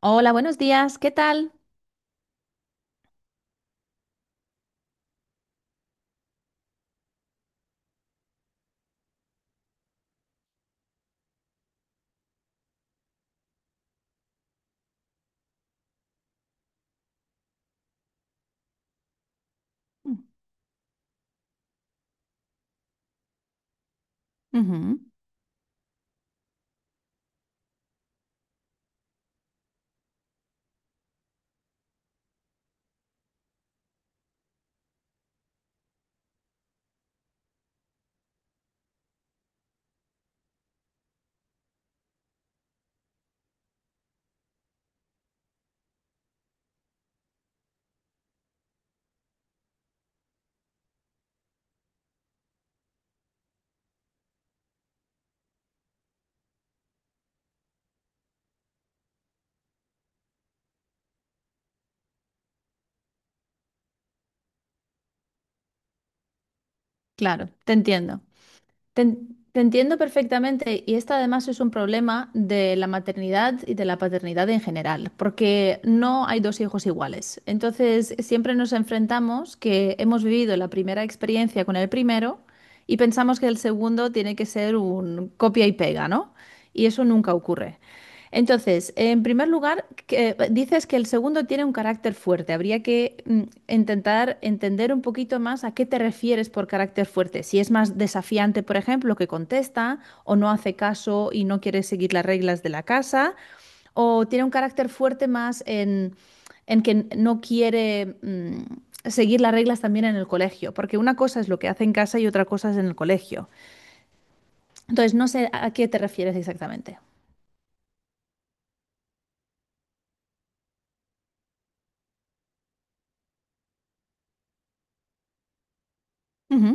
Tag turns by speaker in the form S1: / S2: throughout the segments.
S1: Hola, buenos días, ¿qué tal? Mm. Ujú. Claro, te entiendo. Te entiendo perfectamente y además es un problema de la maternidad y de la paternidad en general, porque no hay dos hijos iguales. Entonces, siempre nos enfrentamos que hemos vivido la primera experiencia con el primero y pensamos que el segundo tiene que ser un copia y pega, ¿no? Y eso nunca ocurre. Entonces, en primer lugar, dices que el segundo tiene un carácter fuerte. Habría que intentar entender un poquito más a qué te refieres por carácter fuerte. Si es más desafiante, por ejemplo, que contesta o no hace caso y no quiere seguir las reglas de la casa, o tiene un carácter fuerte más en que no quiere seguir las reglas también en el colegio, porque una cosa es lo que hace en casa y otra cosa es en el colegio. Entonces, no sé a qué te refieres exactamente. Ujú.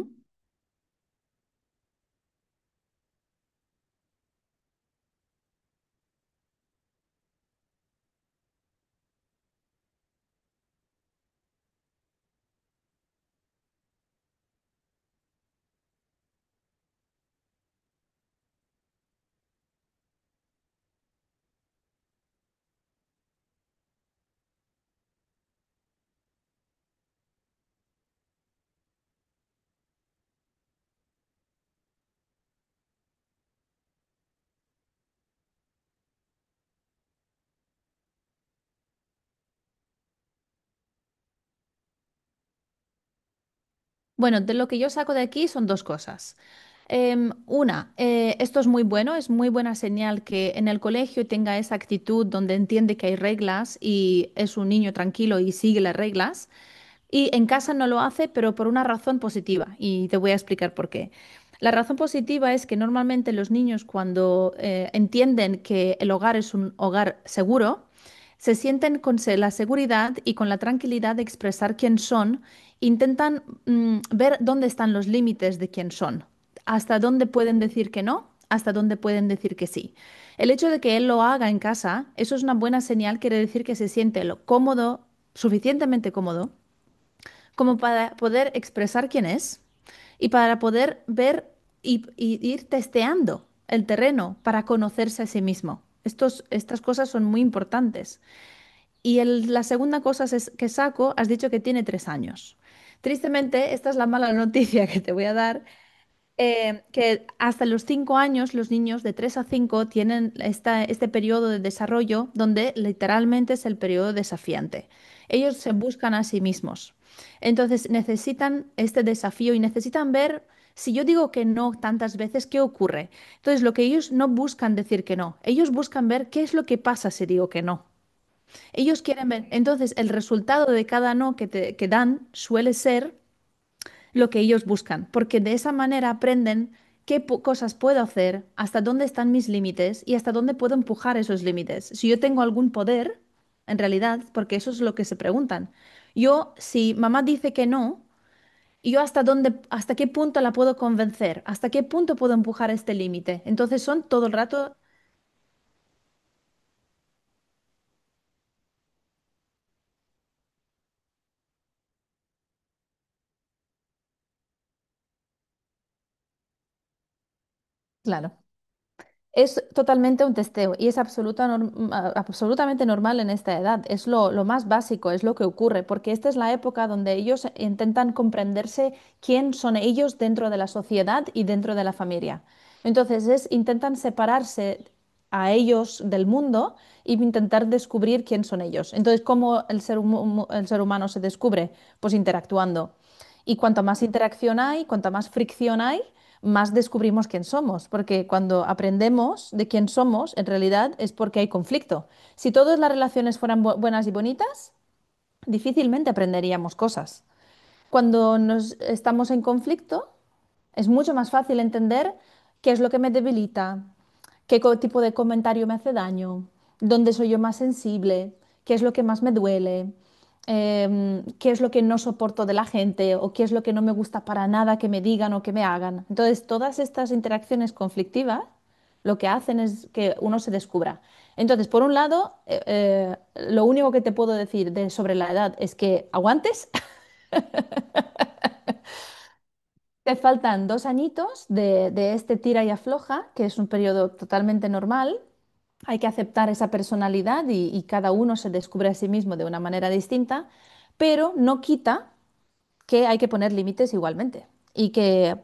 S1: Bueno, de lo que yo saco de aquí son dos cosas. Una, esto es muy bueno, es muy buena señal que en el colegio tenga esa actitud donde entiende que hay reglas y es un niño tranquilo y sigue las reglas. Y en casa no lo hace, pero por una razón positiva, y te voy a explicar por qué. La razón positiva es que normalmente los niños cuando entienden que el hogar es un hogar seguro, se sienten con la seguridad y con la tranquilidad de expresar quién son, intentan ver dónde están los límites de quién son, hasta dónde pueden decir que no, hasta dónde pueden decir que sí. El hecho de que él lo haga en casa, eso es una buena señal, quiere decir que se siente lo cómodo, suficientemente cómodo como para poder expresar quién es y para poder ver y ir testeando el terreno para conocerse a sí mismo. Estas cosas son muy importantes. Y la segunda cosa es que saco, has dicho que tiene 3 años. Tristemente, esta es la mala noticia que te voy a dar, que hasta los 5 años los niños de 3 a 5 tienen este periodo de desarrollo donde literalmente es el periodo desafiante. Ellos se buscan a sí mismos. Entonces necesitan este desafío y necesitan ver, si yo digo que no tantas veces, ¿qué ocurre? Entonces lo que ellos no buscan decir que no, ellos buscan ver qué es lo que pasa si digo que no. Ellos quieren ver, entonces el resultado de cada no que dan suele ser lo que ellos buscan, porque de esa manera aprenden qué cosas puedo hacer, hasta dónde están mis límites y hasta dónde puedo empujar esos límites. Si yo tengo algún poder, en realidad, porque eso es lo que se preguntan. Yo, si mamá dice que no, yo hasta dónde, hasta qué punto la puedo convencer, hasta qué punto puedo empujar este límite. Entonces son todo el rato. Claro. Es totalmente un testeo y es absoluta absolutamente normal en esta edad. Es lo más básico, es lo que ocurre, porque esta es la época donde ellos intentan comprenderse quién son ellos dentro de la sociedad y dentro de la familia. Entonces es, intentan separarse a ellos del mundo y intentar descubrir quién son ellos. Entonces, ¿cómo el el ser humano se descubre? Pues interactuando. Y cuanto más interacción hay, cuanta más fricción hay, más descubrimos quién somos, porque cuando aprendemos de quién somos, en realidad es porque hay conflicto. Si todas las relaciones fueran buenas y bonitas, difícilmente aprenderíamos cosas. Cuando nos estamos en conflicto, es mucho más fácil entender qué es lo que me debilita, qué tipo de comentario me hace daño, dónde soy yo más sensible, qué es lo que más me duele, qué es lo que no soporto de la gente o qué es lo que no me gusta para nada que me digan o que me hagan. Entonces, todas estas interacciones conflictivas lo que hacen es que uno se descubra. Entonces, por un lado, lo único que te puedo decir de, sobre la edad es que aguantes. Te faltan 2 añitos de este tira y afloja, que es un periodo totalmente normal. Hay que aceptar esa personalidad y cada uno se descubre a sí mismo de una manera distinta, pero no quita que hay que poner límites igualmente. Y que.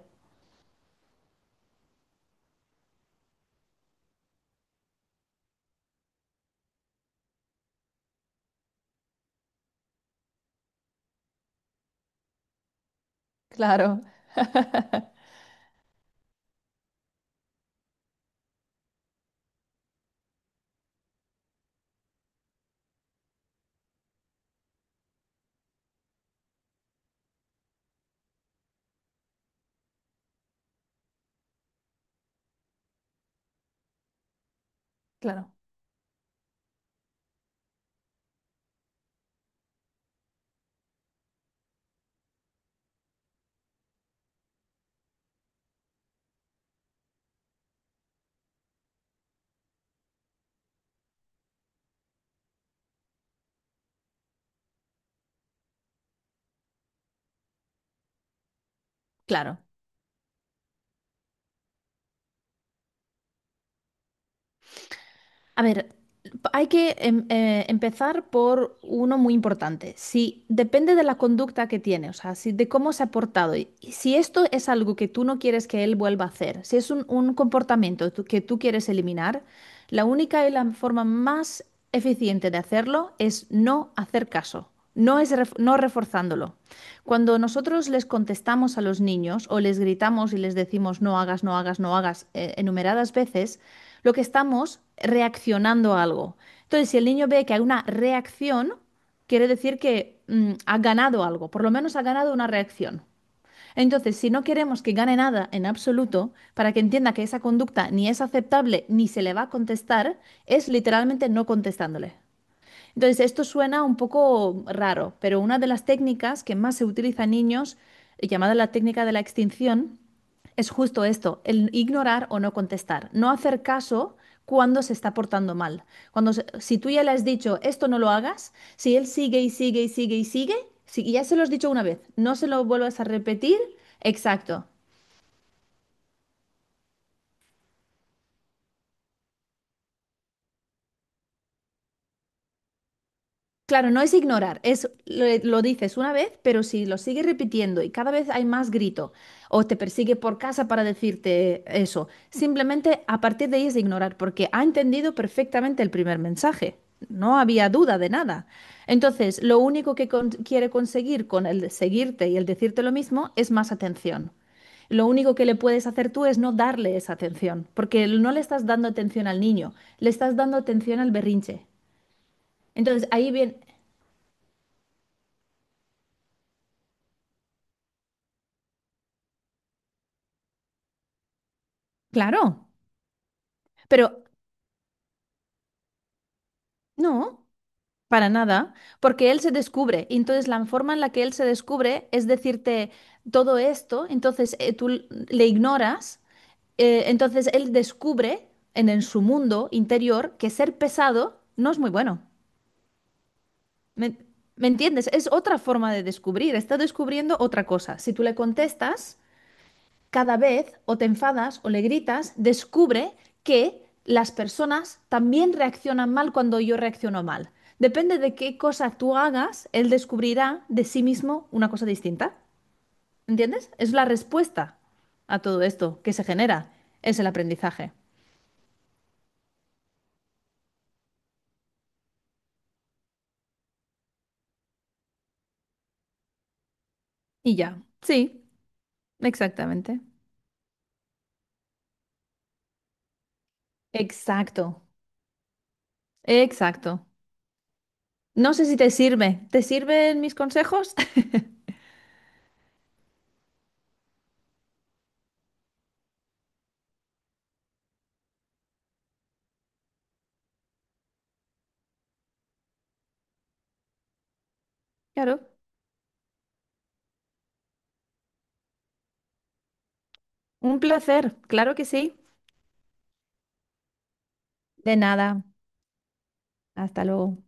S1: Claro, claro, claro. A ver, hay que empezar por uno muy importante. Si depende de la conducta que tiene, o sea, si, de cómo se ha portado, y si esto es algo que tú no quieres que él vuelva a hacer, si es un comportamiento que tú quieres eliminar, la única y la forma más eficiente de hacerlo es no hacer caso, no reforzándolo. Cuando nosotros les contestamos a los niños o les gritamos y les decimos no hagas, no hagas, no hagas enumeradas veces, lo que estamos reaccionando a algo. Entonces, si el niño ve que hay una reacción, quiere decir que ha ganado algo, por lo menos ha ganado una reacción. Entonces, si no queremos que gane nada en absoluto, para que entienda que esa conducta ni es aceptable ni se le va a contestar, es literalmente no contestándole. Entonces, esto suena un poco raro, pero una de las técnicas que más se utiliza en niños, llamada la técnica de la extinción, es justo esto, el ignorar o no contestar, no hacer caso cuando se está portando mal. Cuando si tú ya le has dicho esto no lo hagas, si él sigue y sigue y sigue y sigue, si y ya se lo has dicho una vez, no se lo vuelvas a repetir. Exacto. Claro, no es ignorar, es lo dices una vez, pero si lo sigues repitiendo y cada vez hay más grito o te persigue por casa para decirte eso, simplemente a partir de ahí es ignorar, porque ha entendido perfectamente el primer mensaje. No había duda de nada. Entonces, lo único que quiere conseguir con el seguirte y el decirte lo mismo es más atención. Lo único que le puedes hacer tú es no darle esa atención, porque no le estás dando atención al niño, le estás dando atención al berrinche. Entonces, ahí bien. Claro, pero no, para nada, porque él se descubre. Y entonces la forma en la que él se descubre es decirte todo esto, entonces tú le ignoras, entonces él descubre en, su mundo interior que ser pesado no es muy bueno. ¿Me, me entiendes? Es otra forma de descubrir, está descubriendo otra cosa. Si tú le contestas... Cada vez o te enfadas o le gritas, descubre que las personas también reaccionan mal cuando yo reacciono mal. Depende de qué cosa tú hagas, él descubrirá de sí mismo una cosa distinta. ¿Entiendes? Es la respuesta a todo esto que se genera. Es el aprendizaje. Y ya. Sí, exactamente. Exacto. Exacto. No sé si te sirve. ¿Te sirven mis consejos? Claro. Un placer. Claro que sí. De nada. Hasta luego.